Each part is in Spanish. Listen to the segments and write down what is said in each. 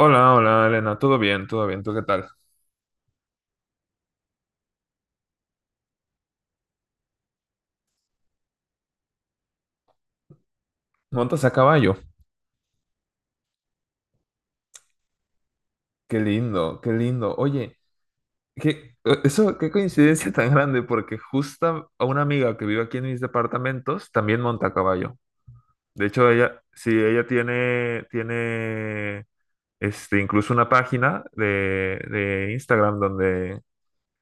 Hola, hola, Elena, todo bien, ¿tú qué tal? ¿Montas a caballo? Qué lindo, qué lindo. Oye, qué, eso, qué coincidencia tan grande, porque justo a una amiga que vive aquí en mis departamentos también monta a caballo. De hecho, ella, sí, ella tiene, incluso una página de Instagram donde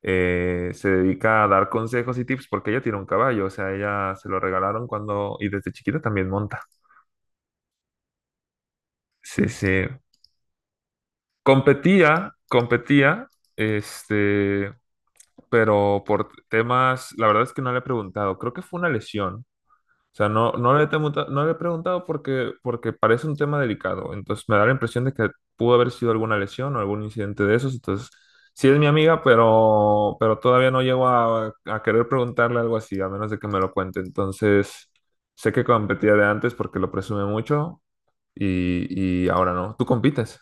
se dedica a dar consejos y tips porque ella tiene un caballo, o sea, ella se lo regalaron cuando, y desde chiquita también monta. Sí, sí. Competía, competía, este, pero por temas, la verdad es que no le he preguntado, creo que fue una lesión. O sea, no, no le he, no le he preguntado porque parece un tema delicado. Entonces me da la impresión de que pudo haber sido alguna lesión o algún incidente de esos. Entonces, sí es mi amiga, pero todavía no llego a querer preguntarle algo así, a menos de que me lo cuente. Entonces, sé que competía de antes porque lo presume mucho y ahora no. Tú compites,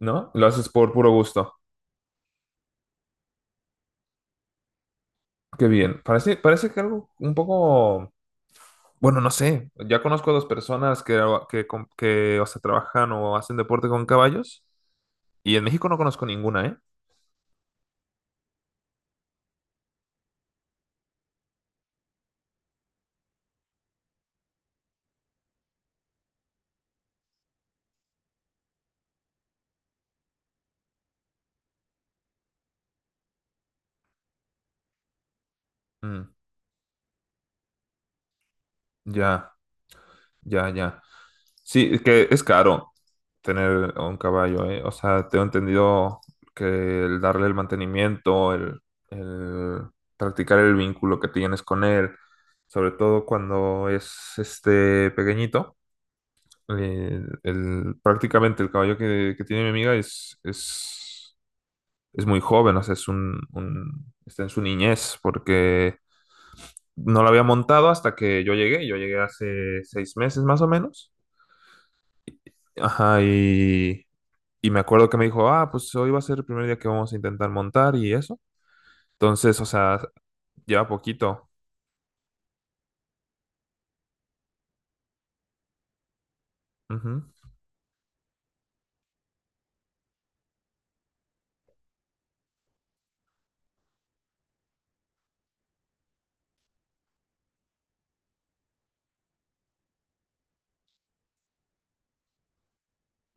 ¿no? Lo haces por puro gusto. Qué bien. Parece que algo un poco, bueno, no sé. Ya conozco a dos personas que, o sea, trabajan o hacen deporte con caballos. Y en México no conozco ninguna, ¿eh? Mm, ya, ya, ya. Sí, es que es caro tener un caballo, ¿eh? O sea, tengo entendido que el darle el mantenimiento, el practicar el vínculo que tienes con él, sobre todo cuando es este pequeñito prácticamente el caballo que tiene mi amiga es muy joven, o sea, está en su niñez, porque no lo había montado hasta que yo llegué. Yo llegué hace 6 meses más o menos. Ajá, y me acuerdo que me dijo, ah, pues hoy va a ser el primer día que vamos a intentar montar y eso. Entonces, o sea, lleva poquito. Ujú.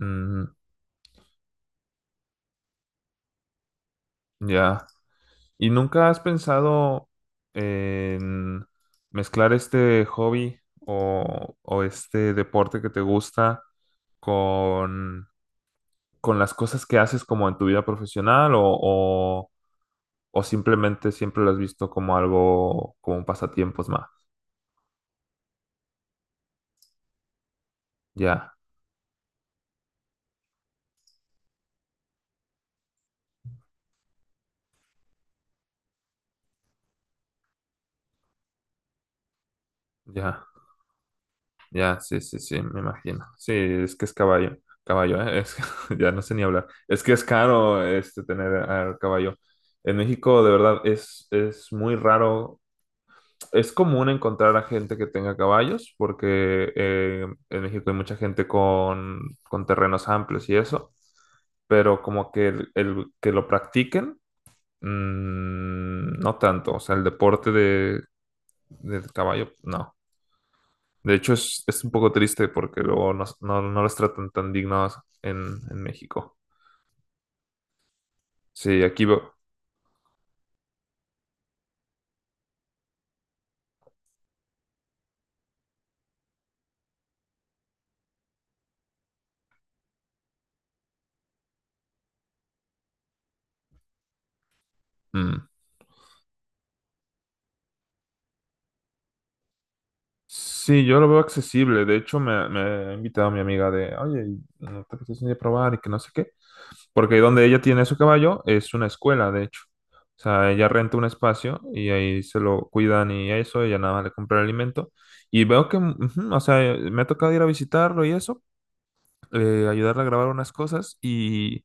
Mm, ya. ¿Y nunca has pensado en mezclar este hobby o este deporte que te gusta con, con las cosas que haces como en tu vida profesional o simplemente siempre lo has visto como algo, como pasatiempos más? Ya, ya, ya, sí, sí, sí, me imagino. Sí, es que es caballo, caballo, ¿eh? Es, ya no sé ni hablar. Es que es caro tener al caballo. En México, de verdad, es muy raro. Es común encontrar a gente que tenga caballos, porque en México hay mucha gente con terrenos amplios y eso, pero como que el que lo practiquen, no tanto. O sea, el deporte del caballo, no. De hecho, es un poco triste porque luego no los tratan tan dignos en México. Sí, aquí veo. Mm. Sí, yo lo veo accesible. De hecho, me ha invitado mi amiga de, oye, ¿no te apetece ir a probar y que no sé qué? Porque donde ella tiene su caballo es una escuela, de hecho. O sea, ella renta un espacio y ahí se lo cuidan y eso, ella nada más le compra el alimento. Y veo que, ujú, o sea, me ha tocado ir a visitarlo y eso, ayudarle a grabar unas cosas y,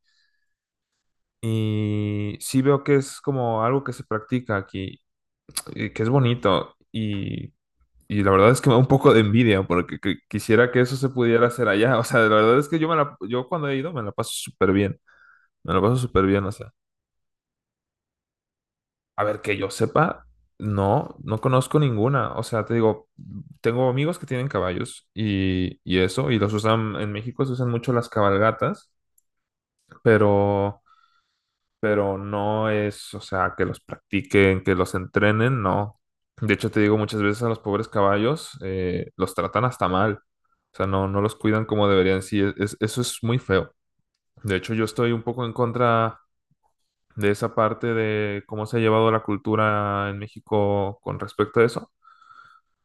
y sí veo que es como algo que se practica aquí, y que es bonito y la verdad es que me da un poco de envidia porque quisiera que eso se pudiera hacer allá. O sea, la verdad es que yo, yo cuando he ido me la paso súper bien, me la paso súper bien. A ver, que yo sepa, no conozco ninguna. O sea, te digo, tengo amigos que tienen caballos y eso, y los usan, en México se usan mucho las cabalgatas, pero, pero no es, o sea, que los practiquen, que los entrenen, no. De hecho, te digo, muchas veces a los pobres caballos los tratan hasta mal. O sea, no los cuidan como deberían. Sí, eso es muy feo. De hecho, yo estoy un poco en contra de esa parte de cómo se ha llevado la cultura en México con respecto a eso,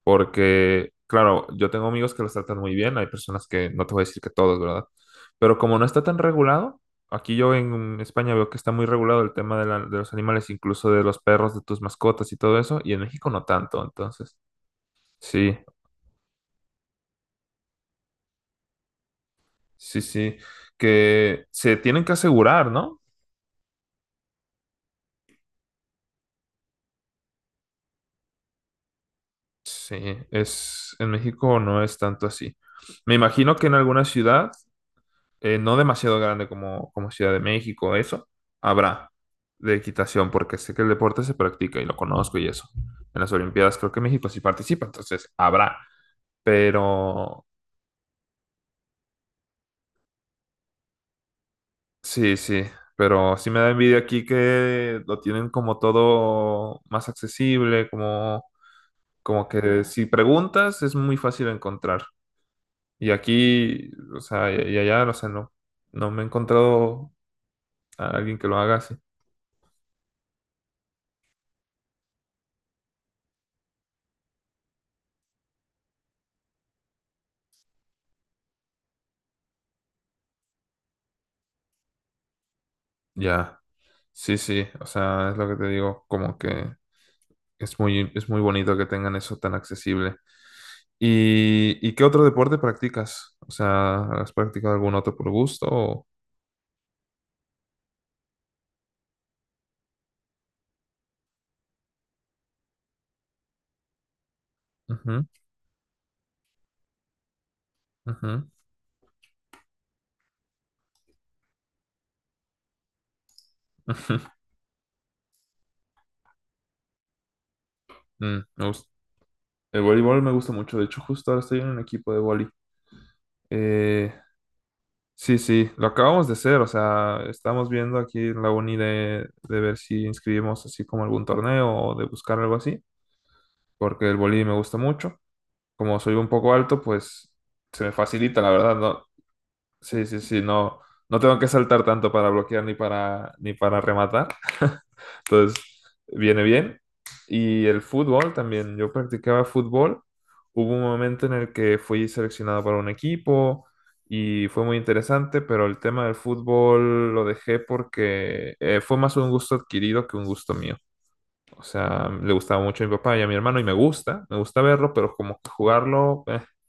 porque, claro, yo tengo amigos que los tratan muy bien, hay personas que, no te voy a decir que todos, ¿verdad? Pero como no está tan regulado, aquí yo en España veo que está muy regulado el tema de los animales, incluso de los perros, de tus mascotas y todo eso, y en México no tanto, entonces, sí, sí, sí, que se tienen que asegurar, ¿no? Sí, es, en México no es tanto así. Me imagino que en alguna ciudad no demasiado grande como Ciudad de México, eso, habrá de equitación, porque sé que el deporte se practica y lo conozco y eso. En las Olimpiadas creo que México sí participa, entonces habrá. Pero sí, sí, pero sí me da envidia aquí que lo tienen como todo más accesible, como que si preguntas es muy fácil encontrar. Y aquí, o sea, y allá, o sea, no me he encontrado a alguien que lo haga así. Ya. Sí, sí, o sea, es lo que te digo, como que es muy bonito que tengan eso tan accesible. ¿Y qué otro deporte practicas? O sea, ¿has practicado algún otro por gusto? Ujú, ujú, ujú. Mm. El voleibol me gusta mucho, de hecho, justo ahora estoy en un equipo de voleibol. Eh, sí, sí, lo acabamos de hacer, o sea, estamos viendo aquí en la uni de ver si inscribimos así como algún torneo o de buscar algo así, porque el voleibol me gusta mucho. Como soy un poco alto, pues se me facilita, la verdad, no. Sí, sí, sí, no tengo que saltar tanto para bloquear ni para rematar. Entonces, viene bien. Y el fútbol también, yo practicaba fútbol. Hubo un momento en el que fui seleccionado para un equipo y fue muy interesante, pero el tema del fútbol lo dejé porque fue más un gusto adquirido que un gusto mío. O sea, le gustaba mucho a mi papá y a mi hermano y me gusta verlo, pero como que jugarlo.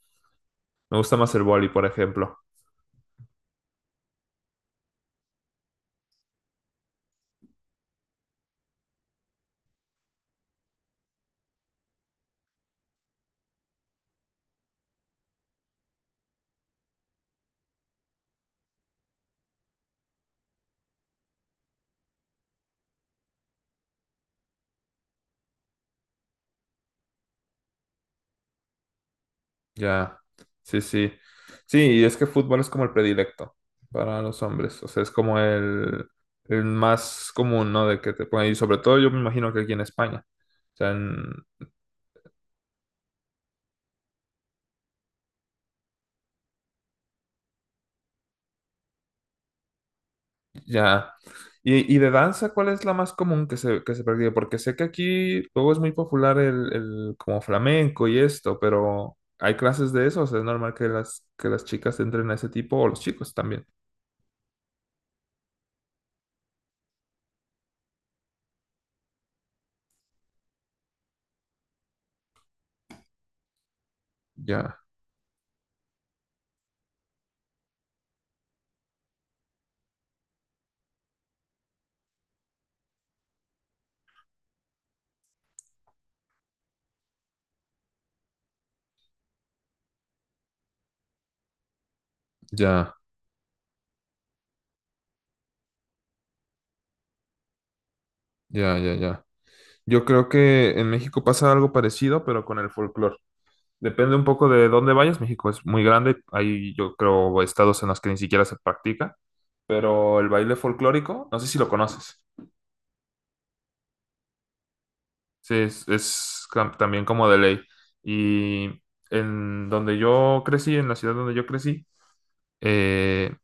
Me gusta más el vóley, por ejemplo. Ya, sí, sí. Sí, y es que fútbol es como el predilecto para los hombres. O sea, es como el más común, ¿no? De que te ponen. Y sobre todo yo me imagino que aquí en España. O sea, ya. Y de danza, ¿cuál es la más común que se practica? Porque sé que aquí luego es muy popular el como flamenco y esto, pero ¿hay clases de eso? O sea, ¿es normal que las chicas entren a ese tipo o los chicos también? Ya, ya, ya, ya, ya. Yo creo que en México pasa algo parecido, pero con el folclore. Depende un poco de dónde vayas. México es muy grande. Hay, yo creo, estados en los que ni siquiera se practica. Pero el baile folclórico, no sé si lo conoces. Sí, también como de ley. Y en donde yo crecí, en la ciudad donde yo crecí, eh,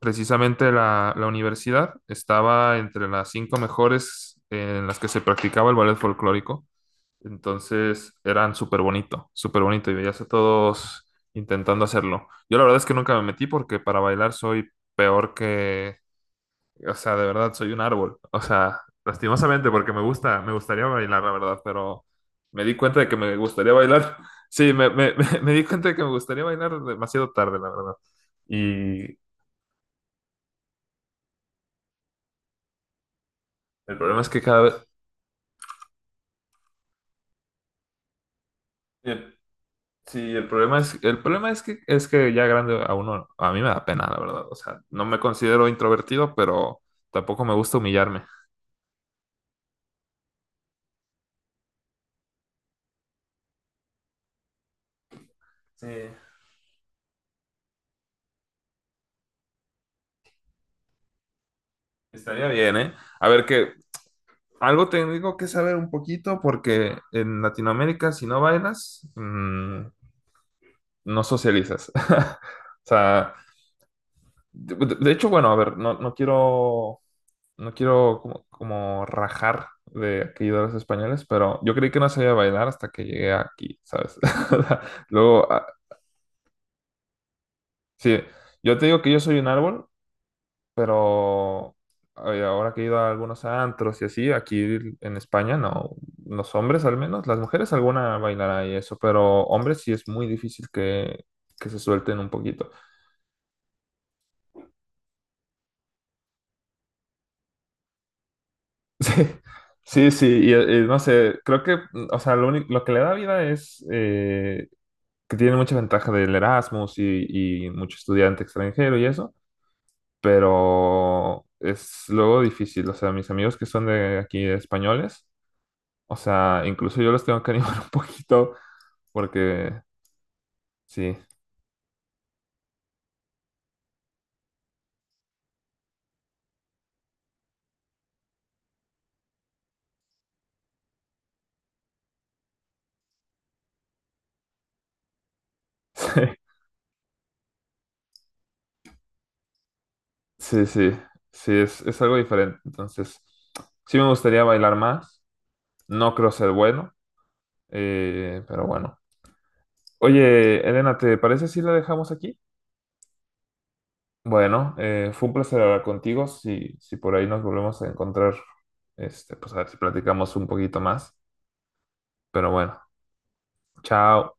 precisamente la universidad estaba entre las cinco mejores en las que se practicaba el ballet folclórico. Entonces eran súper bonito y veías a todos intentando hacerlo. Yo la verdad es que nunca me metí porque para bailar soy peor que, o sea, de verdad soy un árbol. O sea, lastimosamente porque me gustaría bailar, la verdad, pero me di cuenta de que me gustaría bailar. Sí, me di cuenta de que me gustaría bailar demasiado tarde, la verdad. Y el problema es que cada vez. Sí, el problema es que ya grande a uno, a mí me da pena, la verdad. O sea, no me considero introvertido, pero tampoco me gusta humillarme. Sí, estaría bien, ¿eh? A ver, que algo tengo que saber un poquito porque en Latinoamérica si no bailas, no socializas. O sea, de, de hecho, bueno, a ver, no quiero como rajar de aquellos españoles, pero yo creí que no sabía bailar hasta que llegué aquí, ¿sabes? O sea, luego, ah, sí, yo te digo que yo soy un árbol, pero ay, ahora que he ido a algunos antros y así, aquí en España, no, los hombres al menos, las mujeres alguna bailará y eso, pero hombres sí es muy difícil que se suelten un poquito. Sí. Sí, sí, y, no sé, creo que, o sea, lo único, lo que le da vida es, que tiene mucha ventaja del Erasmus y mucho estudiante extranjero y eso, pero es luego difícil. O sea, mis amigos que son de aquí españoles, o sea, incluso yo los tengo que animar un poquito porque sí, sí, sí, sí, sí, es algo diferente. Entonces, sí me gustaría bailar más, no creo ser bueno, pero bueno. Oye, Elena, ¿te parece si la dejamos aquí? Bueno, fue un placer hablar contigo. Si por ahí nos volvemos a encontrar, pues a ver si platicamos un poquito más. Pero bueno, chao.